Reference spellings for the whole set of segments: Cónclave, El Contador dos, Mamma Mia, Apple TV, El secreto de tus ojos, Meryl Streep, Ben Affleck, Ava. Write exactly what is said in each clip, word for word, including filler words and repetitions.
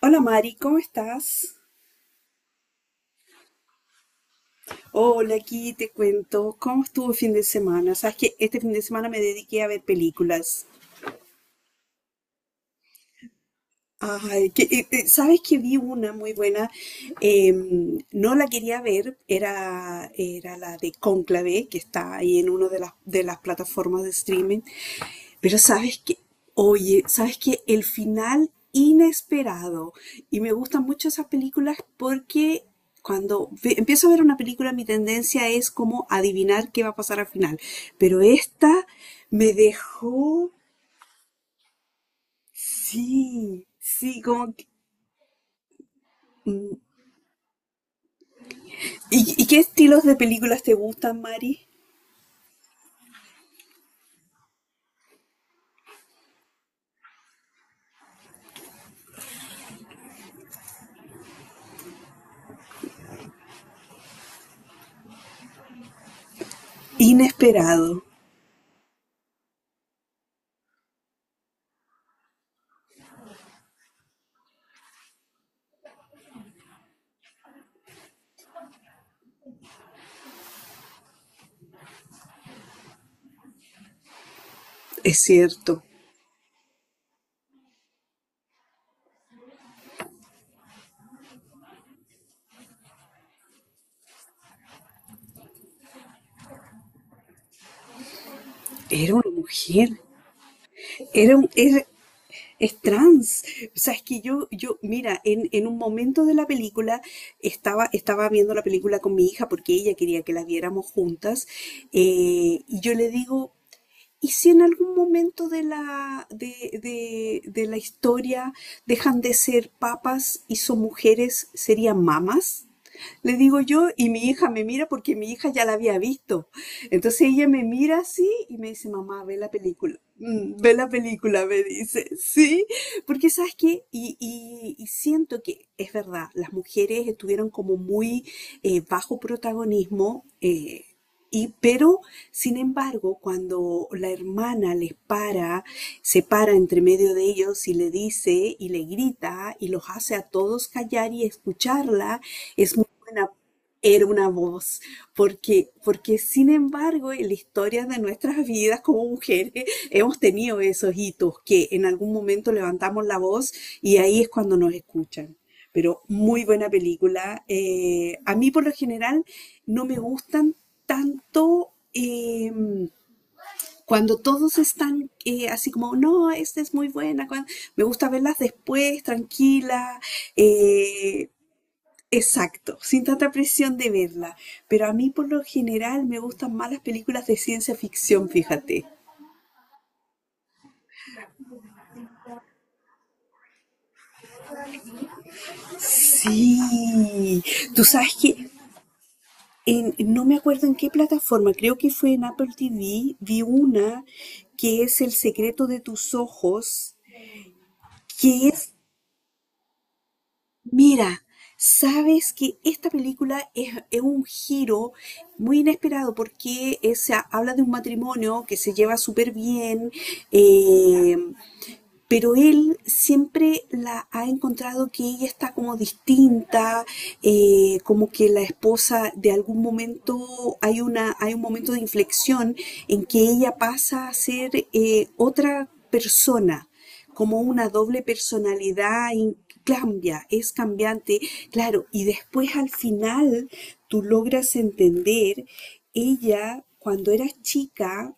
Hola Mari, ¿cómo estás? Hola, aquí te cuento cómo estuvo el fin de semana. Sabes que este fin de semana me dediqué a ver películas. Ay, que, eh, eh, sabes que vi una muy buena. Em, no la quería ver, era, era la de Cónclave, que está ahí en una de las, de las plataformas de streaming. Pero sabes que, oye, sabes que el final inesperado, y me gustan mucho esas películas porque cuando ve- empiezo a ver una película mi tendencia es como adivinar qué va a pasar al final, pero esta me dejó, sí, sí, como que... Mm. ¿Y, y qué estilos de películas te gustan, Mari? Inesperado, es cierto. Era una mujer. Era un, era- Es trans. O sea, es que yo, yo, mira, en, en un momento de la película estaba, estaba viendo la película con mi hija porque ella quería que la viéramos juntas. eh, y yo le digo, ¿y si en algún momento de la, de, de- de la historia dejan de ser papas y son mujeres, serían mamas? Le digo yo, y mi hija me mira porque mi hija ya la había visto. Entonces ella me mira así y me dice, mamá, ve la película. Mm, ve la película, me dice, sí, porque sabes qué, y, y- y siento que es verdad, las mujeres estuvieron como muy eh, bajo protagonismo, eh, y, pero sin embargo, cuando la hermana les para, se para entre medio de ellos y le dice y le grita y los hace a todos callar y escucharla, es una, era una voz, porque, porque sin embargo en la historia de nuestras vidas como mujeres hemos tenido esos hitos que en algún momento levantamos la voz y ahí es cuando nos escuchan. Pero muy buena película. Eh, a mí por lo general no me gustan tanto eh, cuando todos están eh, así como, no, esta es muy buena. cuan- Me gusta verlas después, tranquila. eh, Exacto, sin tanta presión de verla. Pero a mí por lo general me gustan más las películas de ciencia ficción, fíjate. Sí, tú sabes que en- no me acuerdo en qué plataforma, creo que fue en Apple T V, vi una que es El secreto de tus ojos, que es, mira, sabes que esta película es, es un giro muy inesperado porque es- habla de un matrimonio que se lleva súper bien. eh, Pero él siempre la ha encontrado que ella está como distinta, eh, como que la esposa de algún momento hay una, hay un momento de inflexión en que ella pasa a ser eh, otra persona, como una doble personalidad in- Cambia, es cambiante, claro, y después al final tú logras entender, ella cuando era chica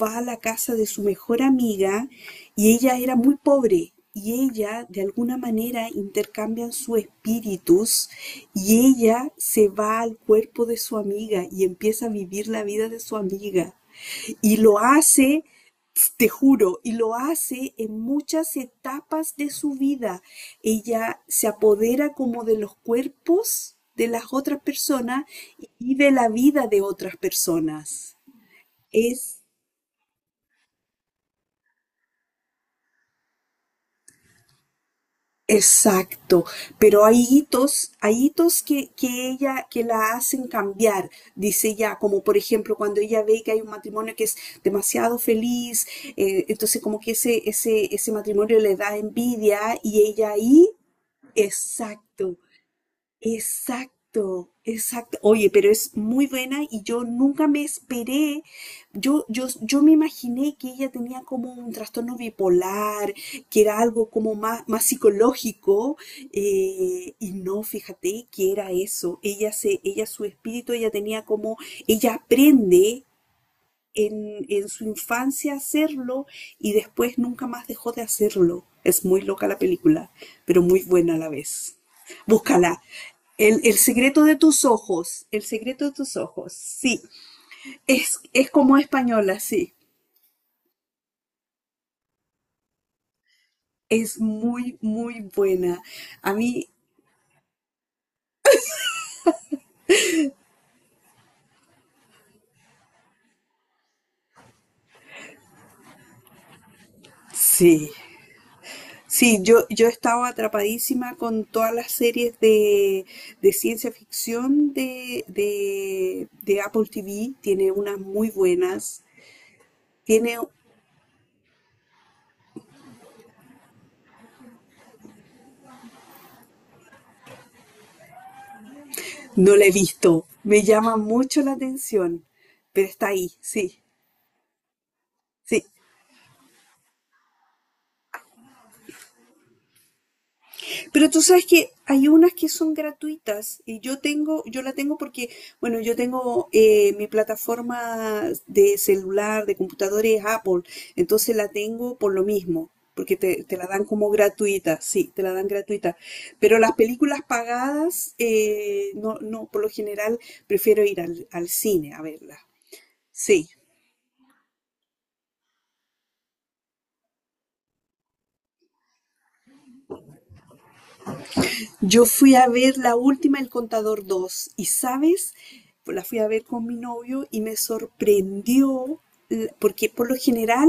va a la casa de su mejor amiga y ella era muy pobre y ella de alguna manera intercambian sus espíritus y ella se va al cuerpo de su amiga y empieza a vivir la vida de su amiga y lo hace, te juro, y lo hace en muchas etapas de su vida. Ella se apodera como de los cuerpos de las otras personas y vive la vida de otras personas. Es Exacto, pero hay hitos, hay hitos que, que ella, que la hacen cambiar, dice ella, como por ejemplo cuando ella ve que hay un matrimonio que es demasiado feliz, eh, entonces como que ese, ese, ese matrimonio le da envidia y ella ahí, exacto, exacto, exacto. Oye, pero es muy buena y yo nunca me esperé. Yo, yo, yo me imaginé que ella tenía como un trastorno bipolar, que era algo como más, más psicológico, eh, y no, fíjate que era eso. Ella se, ella, su espíritu, ella tenía como, ella aprende en, en su infancia hacerlo y después nunca más dejó de hacerlo. Es muy loca la película, pero muy buena a la vez. Búscala. El, el secreto de tus ojos, el secreto de tus ojos, sí, es, es como española, sí, es muy, muy buena. A mí, sí, sí, yo, yo estaba atrapadísima con todas las series de, de ciencia ficción de, de, de Apple T V, tiene unas muy buenas. Tiene, no la he visto, me llama mucho la atención, pero está ahí, sí, sí. Pero tú sabes que hay unas que son gratuitas y yo tengo, yo la tengo porque, bueno, yo tengo eh, mi plataforma de celular, de computadores Apple, entonces la tengo por lo mismo. Porque te, te la dan como gratuita, sí, te la dan gratuita. Pero las películas pagadas, eh, no, no, por lo general prefiero ir al, al cine a verlas. Sí, yo fui a ver la última El Contador dos y, ¿sabes? Pues, la fui a ver con mi novio y me sorprendió l- porque por lo general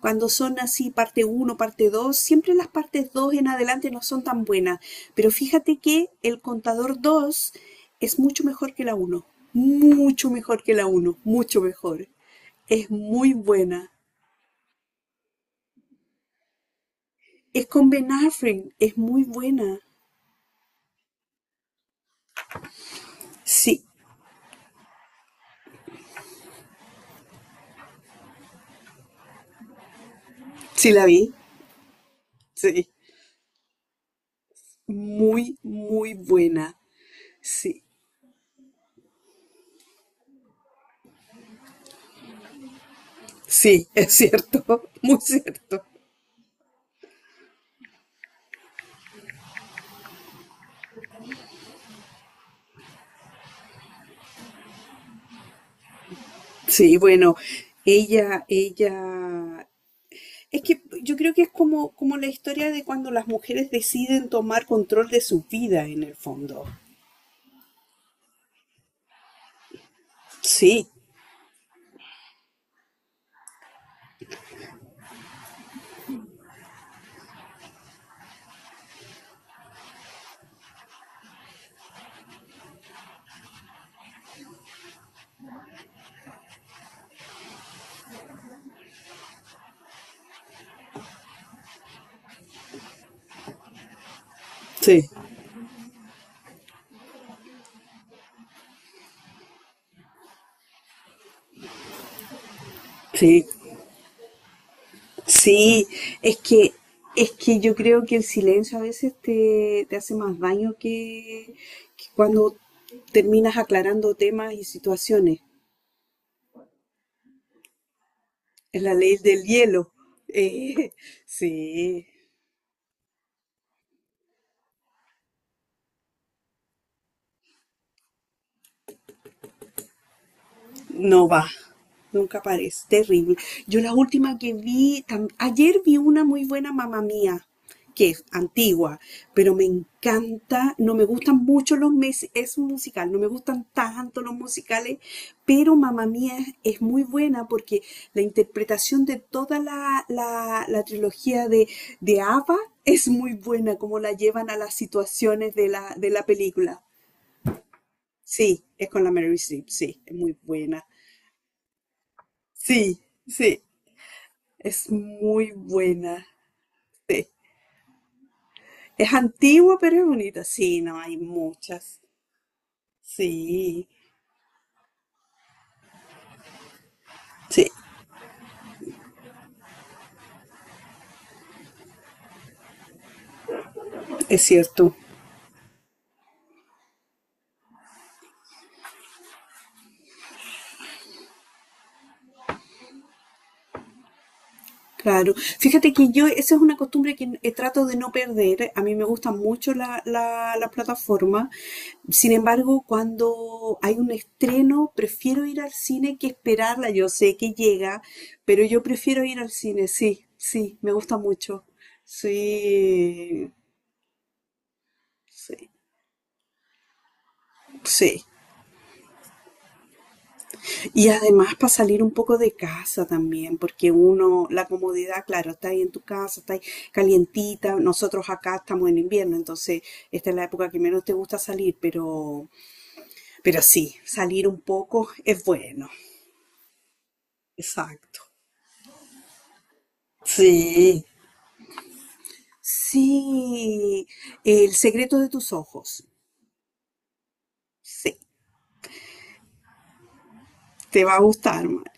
cuando son así parte uno parte dos siempre las partes dos en adelante no son tan buenas. Pero fíjate que El Contador dos es mucho mejor que la uno, mucho mejor que la uno, mucho mejor. Es muy buena. Es con Ben Affleck, es muy buena. Sí, sí la vi. Sí. Muy, muy buena. Sí, sí, es cierto, muy cierto. Sí, bueno, ella, ella, es que yo creo que es como, como la historia de cuando las mujeres deciden tomar control de su vida en el fondo. Sí, sí, sí, sí, es que, es que yo creo que el silencio a veces te, te hace más daño que, que cuando terminas aclarando temas y situaciones. Es la ley del hielo. Eh, sí, no va. Nunca aparece. Terrible. Yo la última que vi, tam- ayer vi una muy buena mamá mía, que es antigua, pero me encanta. No me gustan mucho los meses, es un musical, no me gustan tanto los musicales, pero mamá mía es, es muy buena porque la interpretación de toda la, la, la trilogía de, de Ava es muy buena, como la llevan a las situaciones de la, de la película. Sí, es con la Mary Streep, sí, es muy buena. Sí, sí, es muy buena. Sí. Es antigua, pero es bonita. Sí, no, hay muchas. Sí, sí, es cierto. Claro, fíjate que yo, esa es una costumbre que eh, trato de no perder. A mí me gustan mucho la, la, la plataforma. Sin embargo, cuando hay un estreno, prefiero ir al cine que esperarla. Yo sé que llega, pero yo prefiero ir al cine. Sí, sí, me gusta mucho. Sí, sí, sí. Y además para salir un poco de casa también, porque uno, la comodidad, claro, está ahí en tu casa, está ahí calientita. Nosotros acá estamos en invierno, entonces esta es la época que menos te gusta salir, pero, pero sí, salir un poco es bueno. Exacto. Sí, sí, El secreto de tus ojos. Sí, te va a gustar, Mari.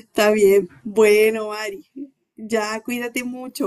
Está bien. Bueno, Mari, ya cuídate mucho.